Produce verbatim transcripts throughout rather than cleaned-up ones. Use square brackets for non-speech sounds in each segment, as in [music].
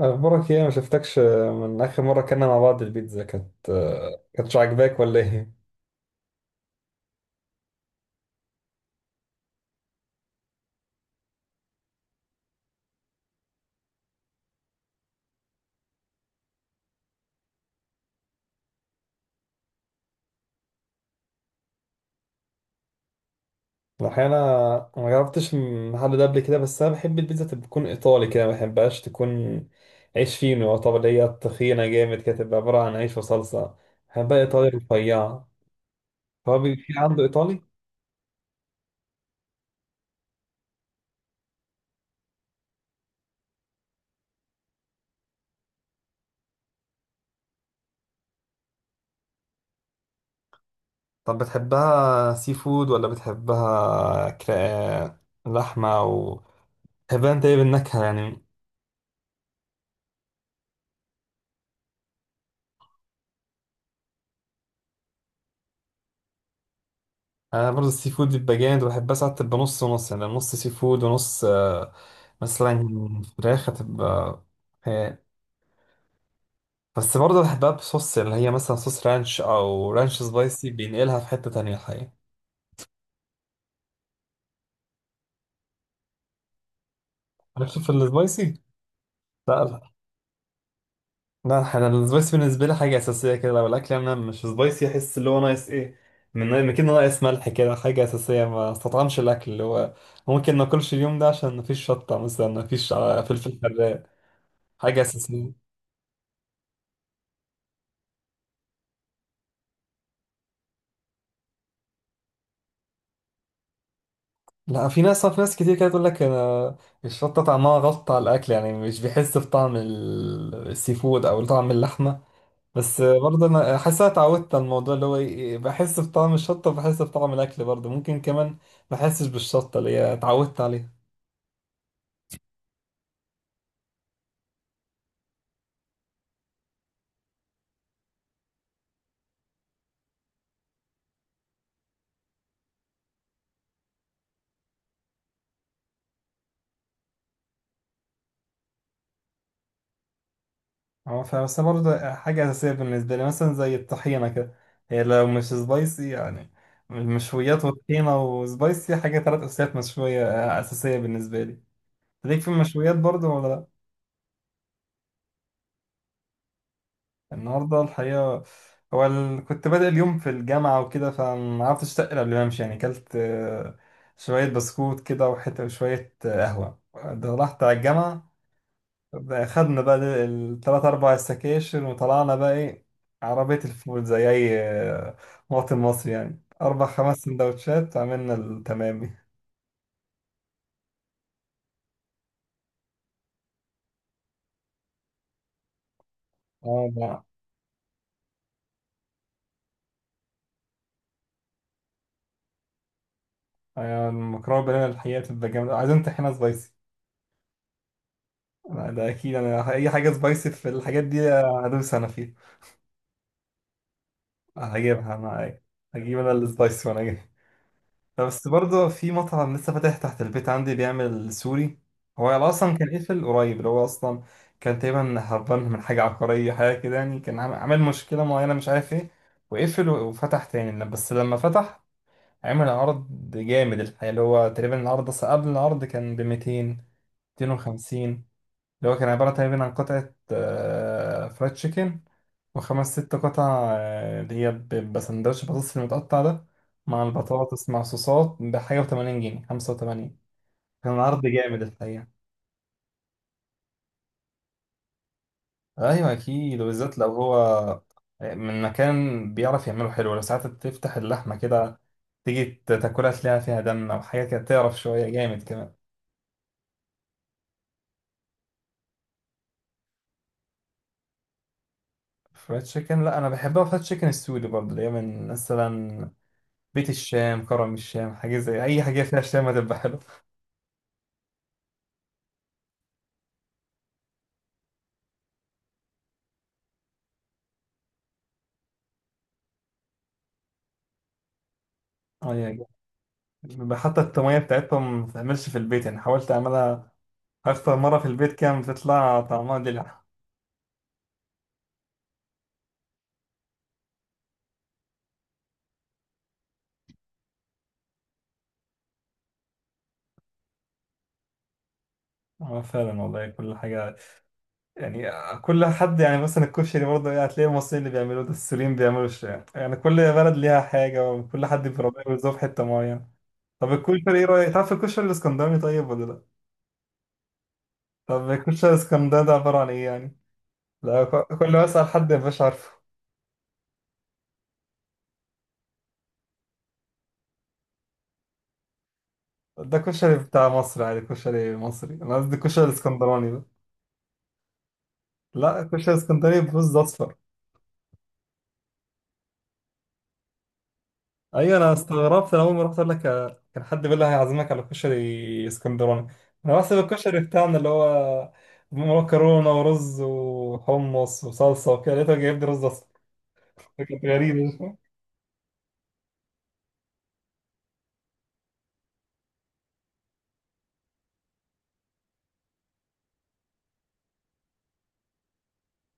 اخبارك ايه؟ ما شفتكش من اخر مره كنا مع بعض. البيتزا كانت كانتش عاجباك ولا ايه؟ الحقيقه انا ما جربتش من محل ده قبل كده، بس انا بحب البيتزا تكون ايطالي كده، ما بحبهاش تكون عيش فينو، طب اللي هي تخينه جامد كده تبقى عباره عن عيش وصلصه. بحبها ايطالي رفيعه. هو بي- في عنده ايطالي؟ طب بتحبها سي فود ولا بتحبها كرا... لحمه، او بتحبها انت ايه بالنكهه يعني؟ انا برضه السي فود بيبقى جامد، وبحب اساعد تبقى نص ونص، يعني نص سي فود ونص آه، مثلا فراخ، هتبقى خيال. بس برضه بحبها بصوص، اللي هي مثلا صوص رانش او رانش سبايسي، بينقلها في حتة تانية الحقيقة. عارف في السبايسي؟ لا لا لا، انا السبايسي بالنسبة لي حاجة أساسية كده. لو الأكل أنا مش سبايسي أحس اللي هو ناقص إيه، من من كده، ناقص ملح كده، حاجة أساسية. ما استطعمش الأكل اللي هو ممكن ما أكلش اليوم ده عشان مفيش شطة مثلا، مفيش آه، فلفل حراق. حاجة أساسية. لا، في ناس، في ناس كتير كده تقول لك انا الشطه طعمها غلط على الاكل، يعني مش بيحس بطعم ال- السي فود او طعم اللحمه. بس برضه انا حاسس أنا اتعودت على الموضوع، اللي هو إيه، بحس بطعم الشطه وبحس بطعم الاكل برضه. ممكن كمان ما احسش بالشطه، اللي هي اتعودت عليها. هو فا- بس برضه حاجه اساسيه بالنسبه لي، مثلا زي الطحينه كده، هي لو مش سبايسي يعني. المشويات والطحينه وسبايسي، حاجه ثلاث اساسيات. مشويه اساسيه بالنسبه لي. ليك في المشويات برضه ولا لا؟ النهارده الحقيقة، هو ال... كنت بادئ اليوم في الجامعة وكده، فما عرفتش أتقل قبل ما أمشي، يعني أكلت آه، شوية بسكوت كده وحتة، وشوية آه، قهوة. ده رحت على الجامعة، خدنا بقى التلات أربع سكاشن، وطلعنا بقى إيه عربية الفول زي أي آه، مواطن مصري يعني، أربع خمس سندوتشات، عملنا التمامي. اه لا. آه، المكرونة بالبانيه الحقيقة بتبقى جامدة، عايزين طحينة سبايسي. لا، ده أكيد، أنا أي حاجة سبايسي في الحاجات دي آه، هدوس أنا فيها. هجيبها انا، أيوة. هجيب انا السلايس وانا جاي. لا، بس برضه في مطعم لسه فاتح تحت البيت عندي بيعمل سوري. هو اصلا كان قفل قريب، اللي هو اصلا كان تقريبا هربان من حاجه عقاريه، حاجه كده يعني، كان عامل عامل مشكله معينه مش عارف ايه، وقفل و- وفتح تاني. ل- بس لما فتح عمل عرض جامد الحقيقه، اللي هو تقريبا العرض، اصلا قبل العرض كان ب مئتين، ميتين وخمسين. اللي هو كان عباره تقريبا عن قطعه آه، فرايد تشيكن، وخمس ست قطع آه، اللي هي ب- بيبقى سندوتش بطاطس، المتقطع ده، مع البطاطس مع صوصات، بحاجة وتمانين جنيه، خمسة وتمانين. كان عرض جامد الحقيقة. أيوة أكيد، وبالذات لو هو آه، من مكان بيعرف يعمله حلو. لو ساعات تفتح اللحمة كده تيجي تاكلها تلاقيها فيها دم أو حاجة كده، تعرف شوية، جامد كمان. فرايد تشيكن، لا، أنا بحبها فرايد تشيكن السوري برضه، اللي هي من مثلا بيت الشام، كرم الشام، حاجة زي أي حاجة فيها شام هتبقى حلوة. أيوة. حتى التومية بتاعتهم ما بتتعملش في البيت، يعني حاولت أعملها أكتر مرة في البيت كان بتطلع طعمها دلع. آه، فعلا والله، كل حاجة يعني، آه، كل حد يعني، مثلا الكشري برضه يعني هتلاقي المصريين اللي بيعملوه ده، السوريين بيعملوا الشام، يعني كل بلد ليها حاجة، وكل حد بيربيه ويزوف حتة معينة. طب الكشري إيه رأيك؟ تعرف الكشري الإسكندراني طيب ولا لأ؟ طب الكشري الإسكندراني ده عبارة عن إيه يعني؟ لا، ك- كل ما أسأل حد مبقاش عارفه. ده كشري بتاع مصر عادي، كشري مصري، أنا قصدي الكشري الإسكندراني ده، لا، كشري اسكندريه برز اصفر. ايوه انا استغربت، انا اول ما رحت اقول لك آه، كان حد بيقول لي هيعزمك على كشري اسكندراني، انا بحسب الكشري بتاعنا اللي هو مكرونه ورز وحمص وصلصه وكده، لقيته جايب لي رز اصفر. كانت غريبه.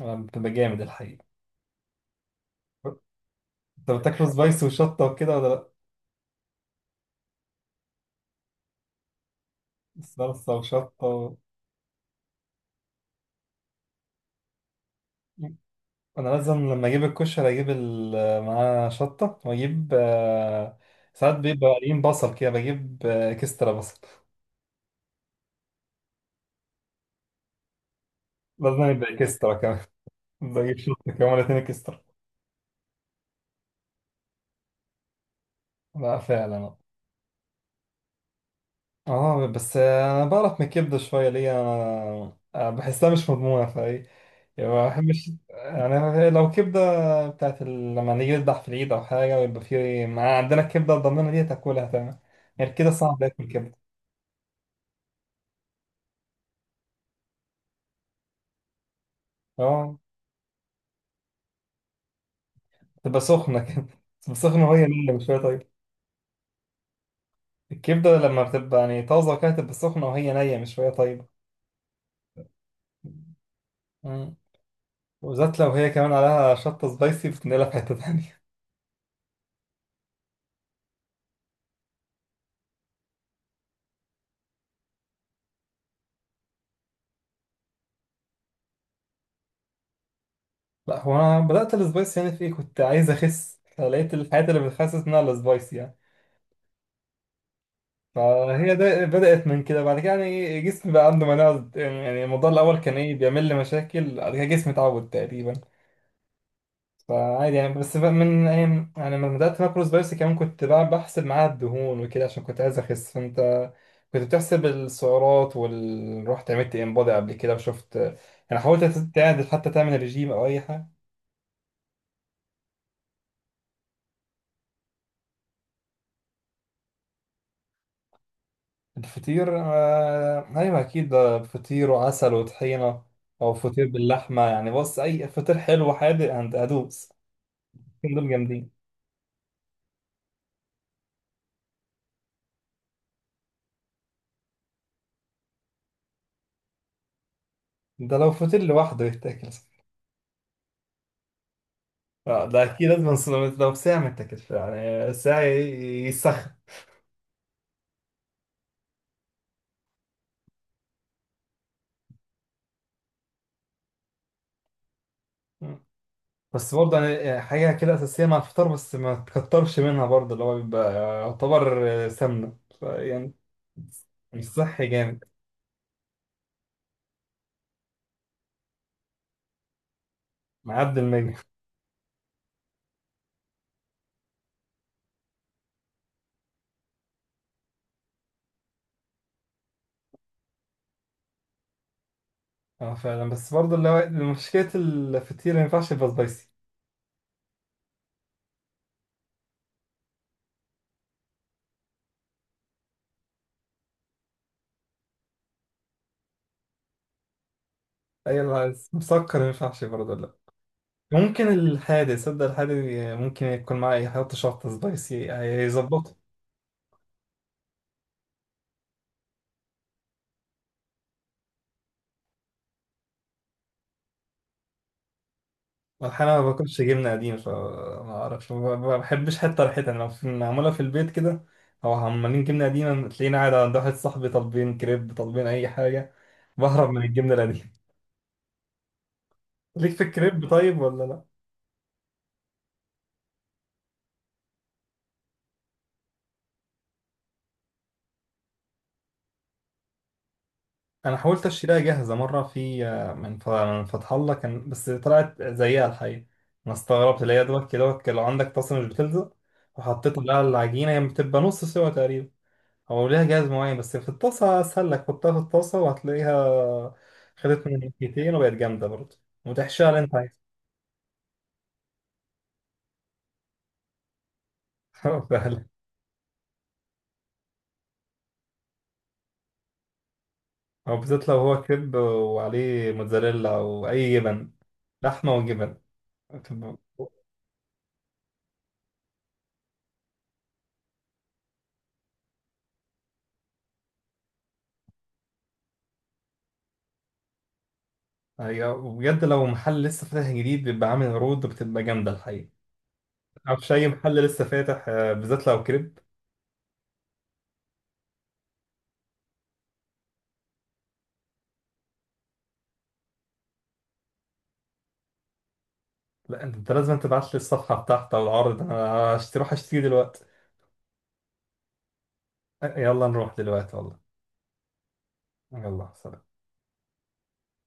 آه، بتبقى جامد الحقيقه. انت بتاكله سبايس وشطه وكده ولا لا؟ صلصه وشطه و... انا لازم لما اجيب الكشري اجيب ال- معاه شطه، واجيب آه، ساعات بيبقى قليل بصل كده، بجيب آه، اكسترا بصل. لازم يبقى اكسترا كمان. [laughs] بدي اجيب شط كمان اتنين اكسترا. لا فعلا. اه، بس انا بعرف من الكبده شويه. ليه؟ انا أنا بحسها مش مضمونه فاي يعني، ما بحبش، يعني لو كبده بتاعت ال... لما نيجي نذبح في العيد او حاجه، ويبقى في مع عندنا الكبده الضمينه دي، تاكلها تمام. يعني كده صعب اكل كبده. اه، تبقى سخنه كده، [laughs] تبقى سخنه وهي نيه، مش شويه طيبه. الكبده لما بتبقى يعني طازه كده، تبقى سخنه وهي نيه، مش شويه طيبه. وبالذات لو هي كمان عليها شطة سبايسي، بتنقلها في حتة تانية. لا، هو أنا بدأت السبايسي يعني في إيه، كنت عايز أخس، فلقيت الحاجات اللي بتخسس منها السبايسي يعني، فهي ده بدأت من كده. بعد كده يعني إيه، جسمي بقى عنده مناعة يعني. يعني الموضوع الأول كان إيه بيعمل لي مشاكل، بعد كده جسمي اتعود تقريبا، فعادي يعني. بس بقى من أيام يعني، لما بدأت ماكرو سبايسي كمان، كنت بقى بحسب معاها الدهون وكده، عشان كنت عايز أخس. فأنت كنت بتحسب السعرات وال رحت عملت انبادي قبل كده، وشفت يعني، حاولت تعدل حتى، تعمل ريجيم أو أي حاجة؟ الفطير آه... أيوه أكيد، ده فطير وعسل وطحينة، أو فطير باللحمة. يعني بص، أي فطير حلو حادق هند- هدوس. الاتنين دول جامدين. ده لو فطير لوحده يتاكل. آه، ده أكيد لازم نص- لو ساعة ما يتاكلش يعني، ساعة يسخن. مم. بس برضه يعني، يعني حاجة كده أساسية مع الفطار، بس ما تكترش منها برضه، اللي هو بيبقى يعتبر سمنة فيعني، مش صحي جامد. معدي المية. اه فعلا. بس برضه اللي هو مشكلة الفطير ما ينفعش يبقى سبايسي. أي اللي عايز مسكر ما ينفعش برضه لا. ممكن الحادق، صدق الحادق، ممكن يكون معاه يحط شطة سبايسي هيظبطه. احيانا ما باكلش جبنه قديم، فما اعرفش، ما ب- ما بحبش حتى ريحتها يعني. لو في- معموله في البيت كده، او عمالين جبنه قديمه، تلاقيني قاعد عند واحد صاحبي طالبين كريب، طالبين اي حاجه، بهرب من الجبنه القديمه. [laughs] ليك في الكريب طيب ولا لا؟ انا حاولت اشتريها جاهزه مره في آه، من ف- من فتح الله كان، بس طلعت زيها الحقيقه. انا استغربت، اللي هي دوت كده دوت، لو عندك طاسه مش بتلزق، وحطيت لها العجينه، هي بتبقى نص سوا تقريبا. هو ليها جهاز معين، بس في الطاسة أسهل لك، حطها في الطاسة وهتلاقيها، خدت من ناحيتين وبقت جامدة برضه، وتحشيها اللي أنت عايزه. [laughs] فعلا. أو بالذات لو هو كريب وعليه موتزاريلا أو أي جبن، لحمة وجبن، بتبقى- هي بجد لو محل لسه فاتح جديد بيبقى عامل عروض، بتبقى جامدة الحقيقة. معرفش أي محل لسه فاتح آه، بالذات لو كريب. لا، أنت أنت لازم تبعت لي الصفحة بتاعته أو العرض، أنا هشتري- أروح أشتري دلوقتي. يلا نروح دلوقتي والله. يلا سلام.